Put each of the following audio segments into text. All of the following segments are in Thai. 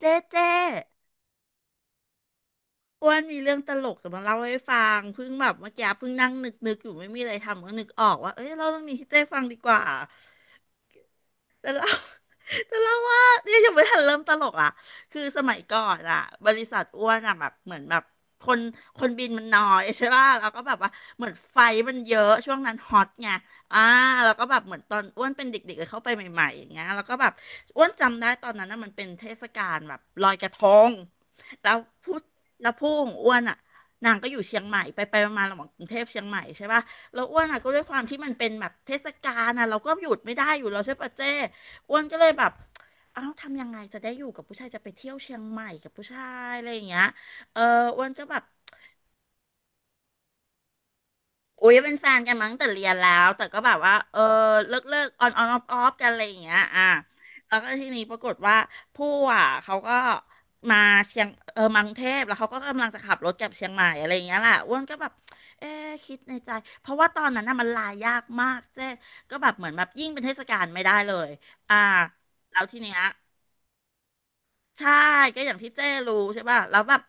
เจ๊อ้วนมีเรื่องตลกจะมาเล่าให้ฟังเพิ่งแบบเมื่อกี้เพิ่งนั่งนึกอยู่ไม่มีอะไรทำก็นึกออกว่าเอ้ยเล่าเรื่องนี้ให้เจ๊ฟังดีกว่า แต่เล่ แตะเลาว่าเนี่ยยังไม่ทันเริ่มตลกอ่ะคือสมัยก่อนอ่ะบริษัทอ้วนอ่ะแบบเหมือนแบบคนคนบินมันน้อยใช่ป่ะแล้วก็แบบว่าเหมือนไฟมันเยอะช่วงนั้นฮอตไงอ่าแล้วก็แบบเหมือนตอนอ้วนเป็นเด็กๆเลยเข้าไปใหม่ๆอย่างเงี้ยแล้วก็แบบอ้วนจำได้ตอนนั้นน่ะมันเป็นเทศกาลแบบลอยกระทงแล้วผู้แล้วผู้ของอ้วนอ่ะนางก็อยู่เชียงใหม่ไปไปมาๆระหว่างกรุงเทพเชียงใหม่ใช่ป่ะแล้วอ้วนอ่ะก็ด้วยความที่มันเป็นแบบเทศกาลอ่ะเราก็หยุดไม่ได้อยู่แล้วใช่ปะเจ้ อ้วนก็เลยแบบเอ้าทำยังไงจะได้อยู่กับผู้ชายจะไปเที่ยวเชียงใหม่กับผู้ชายอะไรอย่างเงี้ยเอออ้วนก็แบบอุ้ยเป็นแฟนกันมั้งแต่เรียนแล้ว แต่ก็แบบว่าเออเลิกออนออฟกันอะไรอย่างเงี้ยอ่ะแล้วก็ทีนี้ปรากฏว่าผู้อ่ะเขาก็มาเชียงเออมากรุงเทพแล้วเขาก็กำลังจะขับรถกลับเชียงใหม่อะไรอย่างเงี้ยแหละอ้วนก็แบบเอ๊ะคิดในใจเพราะว่าตอนนั้นน่ะมันลายากมากเจ๊ก็แบบเหมือนแบบยิ่งเป็นเทศกาลไม่ได้เลยอ่าแล้วทีเนี้ย ใช่ก็อย่างที่เจ้รู้ใช่ป่ะแล้วแบบ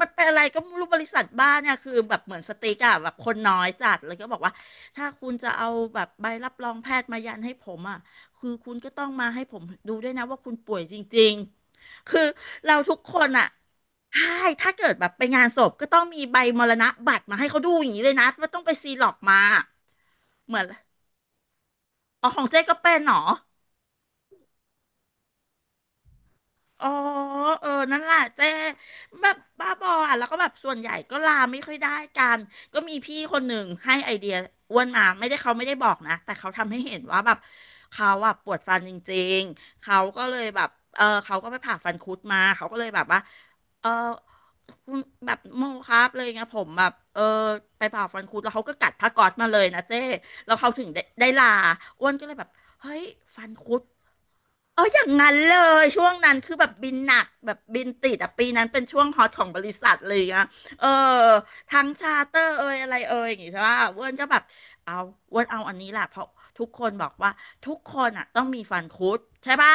มันเป็นอะไรก็ไม่รู้บริษัทบ้านเนี่ยคือแบบเหมือนสติ๊กอะแบบคนน้อยจัดเลยก็บอกว่าถ้าคุณจะเอาแบบใบรับรองแพทย์มายันให้ผมอะคือคุณก็ต้องมาให้ผมดูด้วยนะว่าคุณป่วยจริงๆคือเราทุกคนอะใช่ถ้าเกิดแบบไปงานศพก็ต้องมีใบมรณะบัตรมาให้เขาดูอย่างนี้เลยนะว่าต้องไปซีหลอกมาเหมือนอ๋อของเจ๊ก็เป็นเหรอ อ๋อเออนั่นแหละเจ๊แบบบ้าบออ่ะแล้วก็แบบส่วนใหญ่ก็ลาไม่ค่อยได้กันก็มีพี่คนหนึ่งให้ไอเดียอ้วนมาไม่ได้เขาไม่ได้บอกนะแต่เขาทำให้เห็นว่าแบบเขาอ่ะปวดฟันจริงๆเขาก็เลยแบบเออเขาก็ไปผ่าฟันคุดมาเขาก็เลยแบบว่าเออคุณแบบโมครับเลยไงผมแบบเออไปผ่าฟันคุดแล้วเขาก็กัดผ้าก๊อซมาเลยนะเจ๊แล้วเขาถึงได้ลาอ้วนก็เลยแบบเฮ้ยฟันคุด เอออย่างนั้นเลย ช่วงนั้นคือแบบบินหนักแบบบินติดอ่ะปีนั้นเป็นช่วงฮอตของบริษัทเลยอย่ะเงี้ยเออทั้งชาร์เตอร์เอยอะไรเอยอย่างงี้ใช่ป่ะอรวนก็แบบ เอาอรวนเอาอันนี้แหละเพราะทุกคนบอกว่าทุกคนอ่ะต้องมีฟันคุดใช่ป่ะ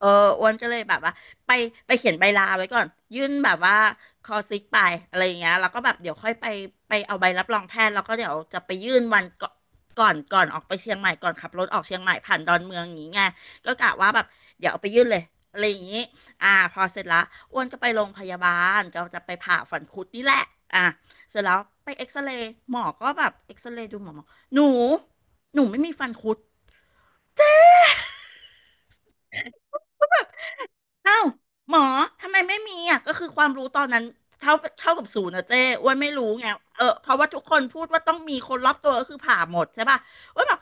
เอออ้วนก็เลยแบบว่าไปไปเขียนใบลาไว้ก่อนยื่นแบบว่าคอซิกไปอะไรอย่างเงี้ยแล้วก็แบบเดี๋ยวค่อยไปเอาใบรับรองแพทย์แล้วก็เดี๋ยวจะไปยื่นวันก่อนออกไปเชียงใหม่ก่อนขับรถออกเชียงใหม่ผ่านดอนเมืองอย่างงี้ไงก็กะว่าแบบเดี๋ยวเอาไปยื่นเลยอะไรอย่างงี้พอเสร็จละอ้วนก็ไปโรงพยาบาลก็จะไปผ่าฝังคุดนี่แหละอ่าเสร็จแล้วไปเอ็กซเรย์หมอก็แบบเอ็กซเรย์ดูหมอหนูหนูไม่มีฟันคุด อ้าวหมอทำไมไม่มีอ่ะก็คือความรู้ตอนนั้นเท่าเท่ากับศูนย์นะเจ้อ้วนไม่รู้ไงเออเพราะว่าทุกคนพูดว่าต้องมีคนรอบตัวก็คือผ่าหมดใช่ป่ะอ้วนบอก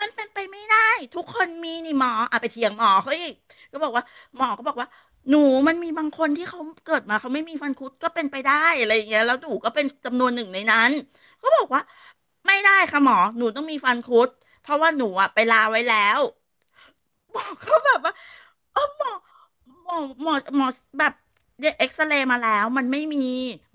มันเป็นไปไม่ได้ทุกคนมีนี่หมออ่ะไปเถียงหมอเขาอีกก็บอกว่าหมอก็บอกว่าหนูมันมีบางคนที่เขาเกิดมาเขาไม่มีฟันคุดก็เป็นไปได้อะไรอย่างเงี้ยแล้วหนูก็เป็นจำนวนหนึ่งในนั้นก็บอกว่าไม่ได้ค่ะหมอหนูต้องมีฟันคุดเพราะว่าหนูอ่ะไปลาไว้แล้ว หมอกเขาแบบว่าเออหมอหมอแบบเอ็กซเรย์มาแล้วมันไม่มี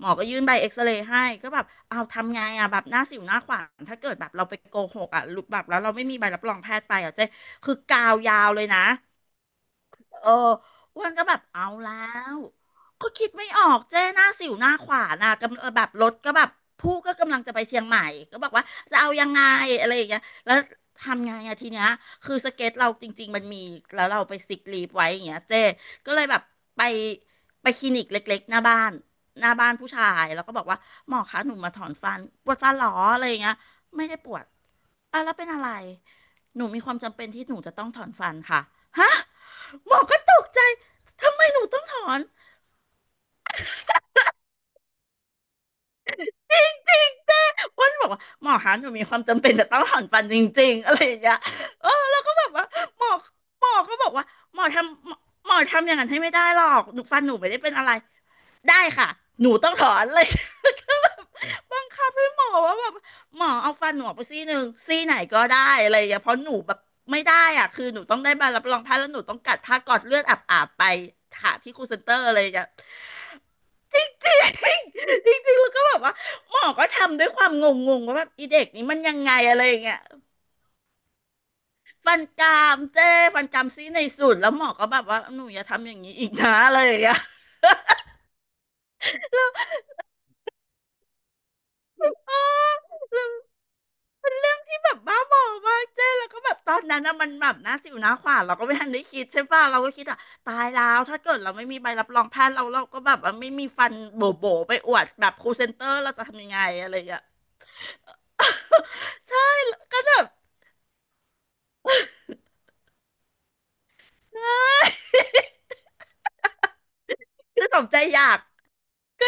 หมอก็ยื่นใบเอ็กซเรย์ให้ก็แบบเอาทำไงอ่ะแบบหน้าสิวหน้าขวานถ้าเกิดแบบเราไปโกหกอ่ะหรือแบบแล้วเราไม่มีใบรับรองแพทย์ไปอ่ะเจ๊คือกาวยาวเลยนะ เอออ้วนก็แบบเอาแล้วก็คิดไม่ออกเจ้หน้าสิวหน้าขวานอ่ะกำลังแบบรถก็แบบผู้ก็กำลังจะไปเชียงใหม่ก็บอกว่าจะเอายังไงอะไรอย่างเงี้ยแล้วทำไงอะทีเนี้ยคือสเก็ตเราจริงๆมันมีแล้วเราไปซิกลีฟไว้อย่างเงี้ยเจ้ก็เลยแบบไปไปคลินิกเล็กๆหน้าบ้านผู้ชายแล้วก็บอกว่าหมอคะหนูมาถอนฟันปวดฟันเหรออะไรอย่างเงี้ยไม่ได้ปวดอ่ะแล้วเป็นอะไรหนูมีความจำเป็นที่หนูจะต้องถอนฟันค่ะฮะ หมอก็ตกใจทำไมหนูต้องถอนจริงจริงเจ้วันบอกว่าหมอคะหนูมีความจำเป็นจะต้องถอนฟันจริงๆอะไรอย่างเงี้ยแล้วก็แบบว่าหมอหมอก็บอกว่าหมอทำหมอหมอทำอย่างนั้นให้ไม่ได้หรอกหนูฟันหนูไม่ได้เป็นอะไรได้ค่ะหนูต้องถอนเลย ก็แบบบังคับให้หมอว่าแบบหมอเอาฟันหนูออกไปซี่หนึ่งซี่ไหนก็ได้อะไรอย่างเงี้ยเพราะหนูแบบไม่ได้อ่ะคือหนูต้องได้ใบรับรองแพทย์แล้วหนูต้องกัดผ้ากอดเลือดอาบๆไปหาที่ครูเซ็นเตอร์อะไรอย่างเงี้ย จริงจริงจริงจริงๆแล้วก็แบบว่าหมอก็ทำด้วยความงงงว่าแบบอีเด็กนี้มันยังไงอะไรอย่างเงี้ยฟันกรามเจ้ฟันกรามซี่ในสุดแล้วหมอก็แบบว่าหนูอย่าทำอย่างนี้อีกนะอะไรอย่างเงี้ยเออเป็นเรื่องที่แบบบ้าบอมากเจ้แล้วก็แบบตอนนั้นนะมันแบบหน้าสิวหน้าขวานเราก็ไม่ทันได้คิดใช่ป่ะเราก็คิดอ่ะตายแล้วถ้าเกิดเราไม่มีใบรับรองแพทย์เราก็แบบว่าไม่มีฟันโบ๋ๆไปอวดแบบครูเซนเตอร์เราจะทำยังไงอะไรอย่างเงี้ย ใช่ก็แบบ คือสมใจอยากก็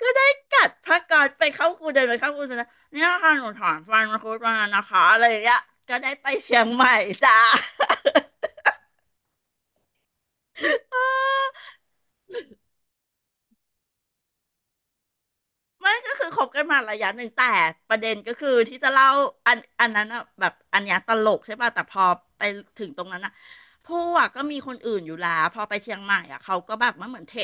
ก็ได้กัดผ้าก๊อซไปเข้าครูเดินไปเข้าครูสุดจแ้เนี่ยค่ะหนูถอนฟันมังคุดมานะคะอะไรอย่างเงี้ยก็ได้ไปเชียงใหม่จ้า ไม่ก็คือคบกันมาระยะหนึ่งแต่ประเด็นก็คือที่จะเล่าอันนั้นอะแบบอันเนี้ยตลกใช่ป่ะแต่พอไปถึงตรงนั้นอะพอะก็มีคนอื่นอยู่แล้วพอไปเชียงใหม่อะเขาก็แบบมันเหมือนเท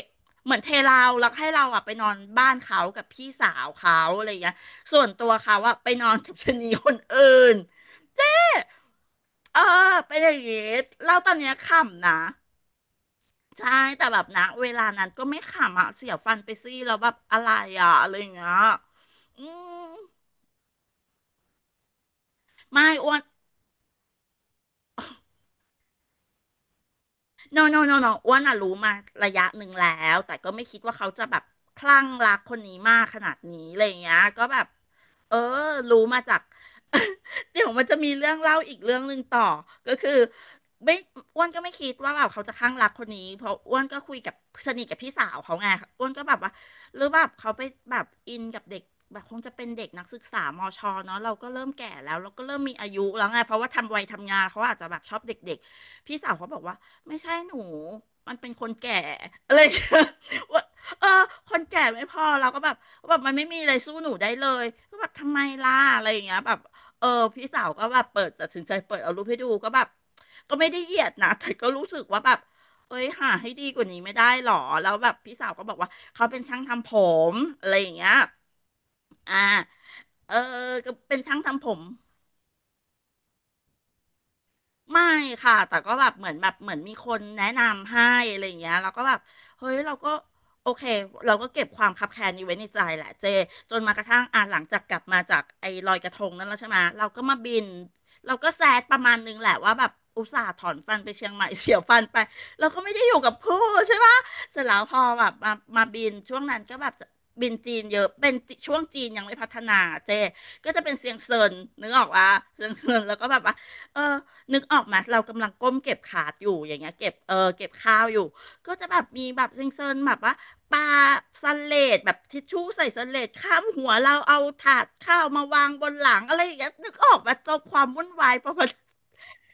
เหมือนเทเราแล้วให้เราอะไปนอนบ้านเขากับพี่สาวเขาอะไรอย่างเงี้ยส่วนตัวเขาอะไปนอนกับชะนีคนอื่นเออเป็นอย่างงี้เล่าตอนเนี้ยขำนะ ใช่แต่แบบนะเวลานั้นก็ไม่ขำอ่ะเสียฟันไปซี่แล้วแบบอะไรอ่ะอะไรอย่างเงี้ยอืมไม่อ้วน โนโนโนโนอ้วนอะรู้มาระยะหนึ่งแล้วแต่ก็ไม่คิดว่าเขาจะแบบคลั่งรักคนนี้มากขนาดนี้อะไรอย่างเงี้ยก็แบบเออรู้มาจาก เดี๋ยวมันจะมีเรื่องเล่าอีกเรื่องหนึ่งต่อ ก็คือไม่อ้วนก็ไม่คิดว่าแบบเขาจะคลั่งรักคนนี้เพราะอ้วนก็คุยกับสนิทกับพี่สาวเขาไงอ้วนก็แบบว่าหรือแบบเขาไปแบบอินกับเด็กแบบคงจะเป็นเด็กนักศึกษามชเนาะเราก็เริ่มแก่แล้วเราก็เริ่มมีอายุแล้วไงเพราะว่าทำวัยทำงานเขาอาจจะแบบชอบเด็กๆพี่สาวเขาบอกว่า ไม่ใช่หนูมันเป็นคนแก่อะไรอย่างเงี้ย ว่าเออคนแก่ไม่พอเราก็แบบแบบมันไม่มีอะไรสู้หนูได้เลยก็แบบทำไมล่ะอะไรอย่างเงี้ยแบบเออพี่สาวก็แบบเปิดตัดสินใจเปิดเอารูปให้ดูก็แบบก็ไม่ได้เหยียดนะ แต่ก็รู้สึกว่าแบบเอ้ยหาให้ดีกว่านี้ไม่ได้หรอแล้วแบบพี่สาวก็บอกว่าเขาเป็นช่างทำผมอะไรอย่างเงี้ยอ่าเออก็เป็นช่างทำผม ไม่ค่ะแต่ก็แบบเหมือนมีคนแนะนำให้อะไรอย่างเงี้ยเราก็แบบเฮ้ยเราก็โอเคเราก็เก็บความคับแค้นนี้ไว้ในใจแหละเจจนมากระทั่งอ่ะหลังจากกลับมาจากไอ้ลอยกระทงนั่นแล้วใช่ไหมเราก็มาบินเราก็แซดประมาณนึงแหละว่าแบบอุตส่าห์ถอนฟันไปเชียงใหม่ เสียฟันไปเราก็ไม่ได้อยู่กับผู้ใช่ปะเสร็จแล้วพอแบบมาบินช่วงนั้นก็แบบบินจีนเยอะเป็นช่วงจีนยังไม่พัฒนาเจก็จะเป็นเซียงเซินนึกออกว่าเซียงเซินแล้วก็แบบว่าเออ นึกออกไหมาเรากำลังก้มเก็บขาดอยู่อย่างเงี้ยเก็บเก็บข้าวอยู่ก็จะแบบมีแบบเซ็งๆแบบว่าปาสเลดแบบทิชชู่ใส่สเลดข้ามหัวเราเอาถาดข้าวมาวางบนหลังอะไรอย่างเงี้ยนึกออกมาจบความวุ่นวายประมาณ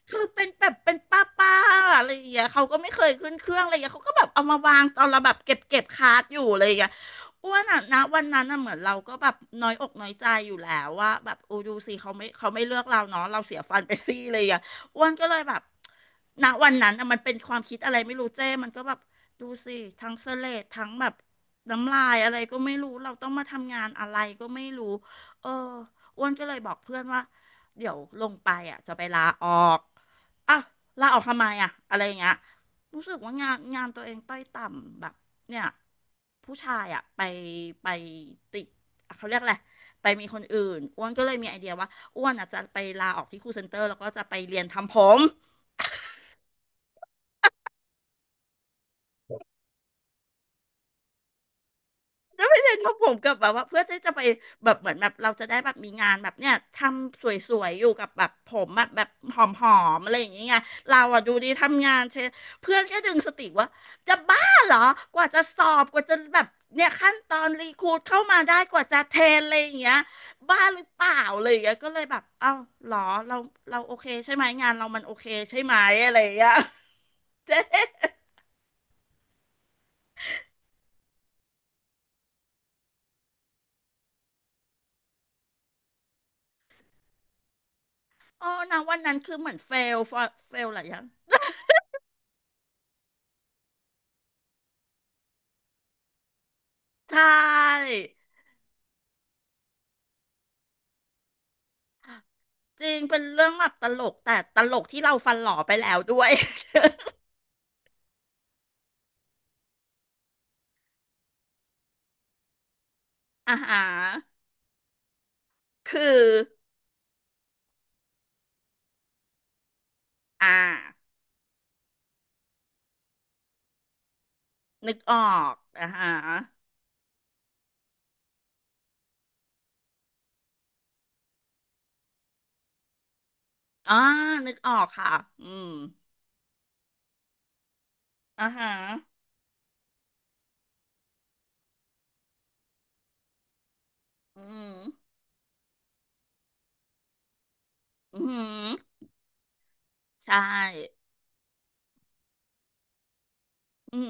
คือเป็นแบบเป็นป้าป้าอะไรอย่างเงี้ยเขาก็ไม่เคยขึ้นเครื่องอะไรอย่างเงี้ยเขาก็แบบเอามาวางตอนเราแบบเก็บคาร์ดอยู่อะไรอย่างเงี้ยอ้วนอ่ะนะวันนั้นน่ะเหมือนเราก็แบบน้อยอกน้อยใจอยู่แล้วว่าแบบอูดูสิเขาไม่เลือกเราเนาะเราเสียฟันไปซี่เลยอ่ะ อ้วนก็เลยแบบณวันนั้นอะมันเป็นความคิดอะไรไม่รู้เจ้มันก็แบบดูสิทั้งเสลดทั้งแบบน้ำลายอะไรก็ไม่รู้เราต้องมาทำงานอะไรก็ไม่รู้เอออ้วนก็เลยบอกเพื่อนว่าเดี๋ยวลงไปอ่ะจะไปลาออกอ่ะลาออกทำไมอ่ะอะไรอย่างเงี้ยรู้สึกว่างานตัวเองต้อยต่ำแบบเนี่ยผู้ชายอ่ะไปติดเขาเรียกอะไรไปมีคนอื่นอ้วนก็เลยมีไอเดียว่า อ้วนอ่ะจะไปลาออกที่ครูเซ็นเตอร์แล้วก็จะไปเรียนทำผมแล้วไปเรียนทำผมกับแบบว่าเพื่อที่จะไปแบบเหมือนแบบเราจะได้แบบมีงานแบบเนี้ยทำสวยๆอยู่กับแบบผมแบบหอมๆอะไรอย่างเงี้ยเราอ่ะดูดีทำงานเชยเพื่อนก็ดึงสติว่าจะบ้าเหรอกว่าจะสอบกว่าจะแบบเนี่ยขั้นตอนรีครูทเข้ามาได้กว่าจะเทรนอะไรอย่างเงี้ยบ้าหรือเปล่าอะไรอย่างเงี้ยก็เลยแบบเอ้าเหรอเราเราโอเคใช่ไหมงานเรามันโอเคใช่ไหมอะไรอย่างเงี้ย อ๋อนะวันนั้นคือเหมือนลเฟลอะไรอย่างใช่จริงเป็นเรื่องแบบตลก แต่ ตลกที่เราฟันหล่อไปแล้ว ด้วย อ่าฮะคืออ่านึกออกอ่าฮะอ่านึกออกค่ะอืมอ่าฮะอืมอืมใช่อืม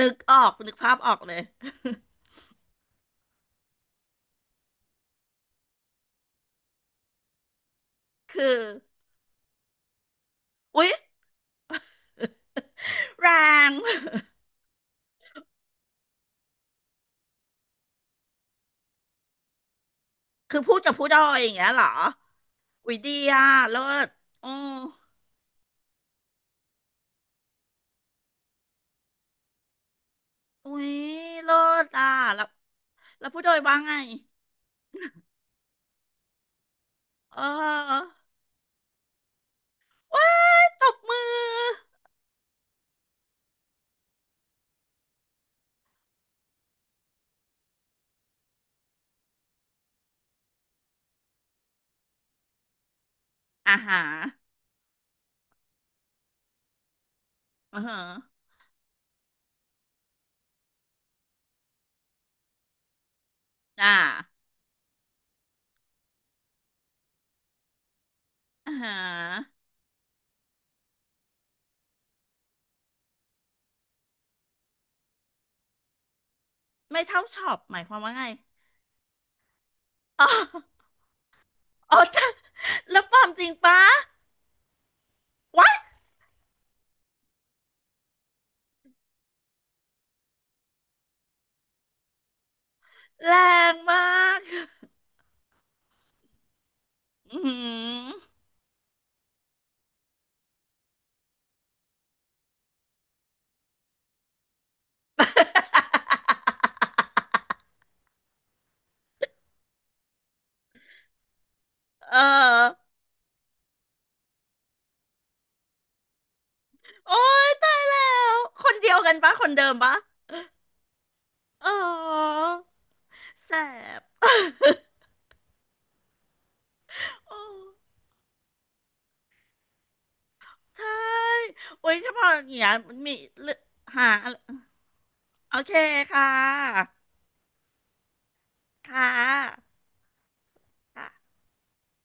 นึกออก นึกภาพออก เลย คืออุ๊ยแรง คือพูดกับผู้ดอยอย่างเงี้ยเหรออุ๊ยดีอ่ะเลิศอือ อุ้ยเลิศอ่ะแล้วผู้โดยว่าไงเออว้ายตบมืออ่าฮะอาฮะอ่าอ่าฮะไม่เท่าช็อปหมายความว่าไงอ๋ออ๋อ จ้ะแล้วความจริงปะว้ายแรงมากอืมเออโอ้ยตายแล้วคนเดียวกันปะคนเดิมปะอ๋อแสบ โอ้ ใช่โอ้ยถ้าพออย่างเงี้ยมีเรื่องหาโอเคค่ะ ค่ะค่ะ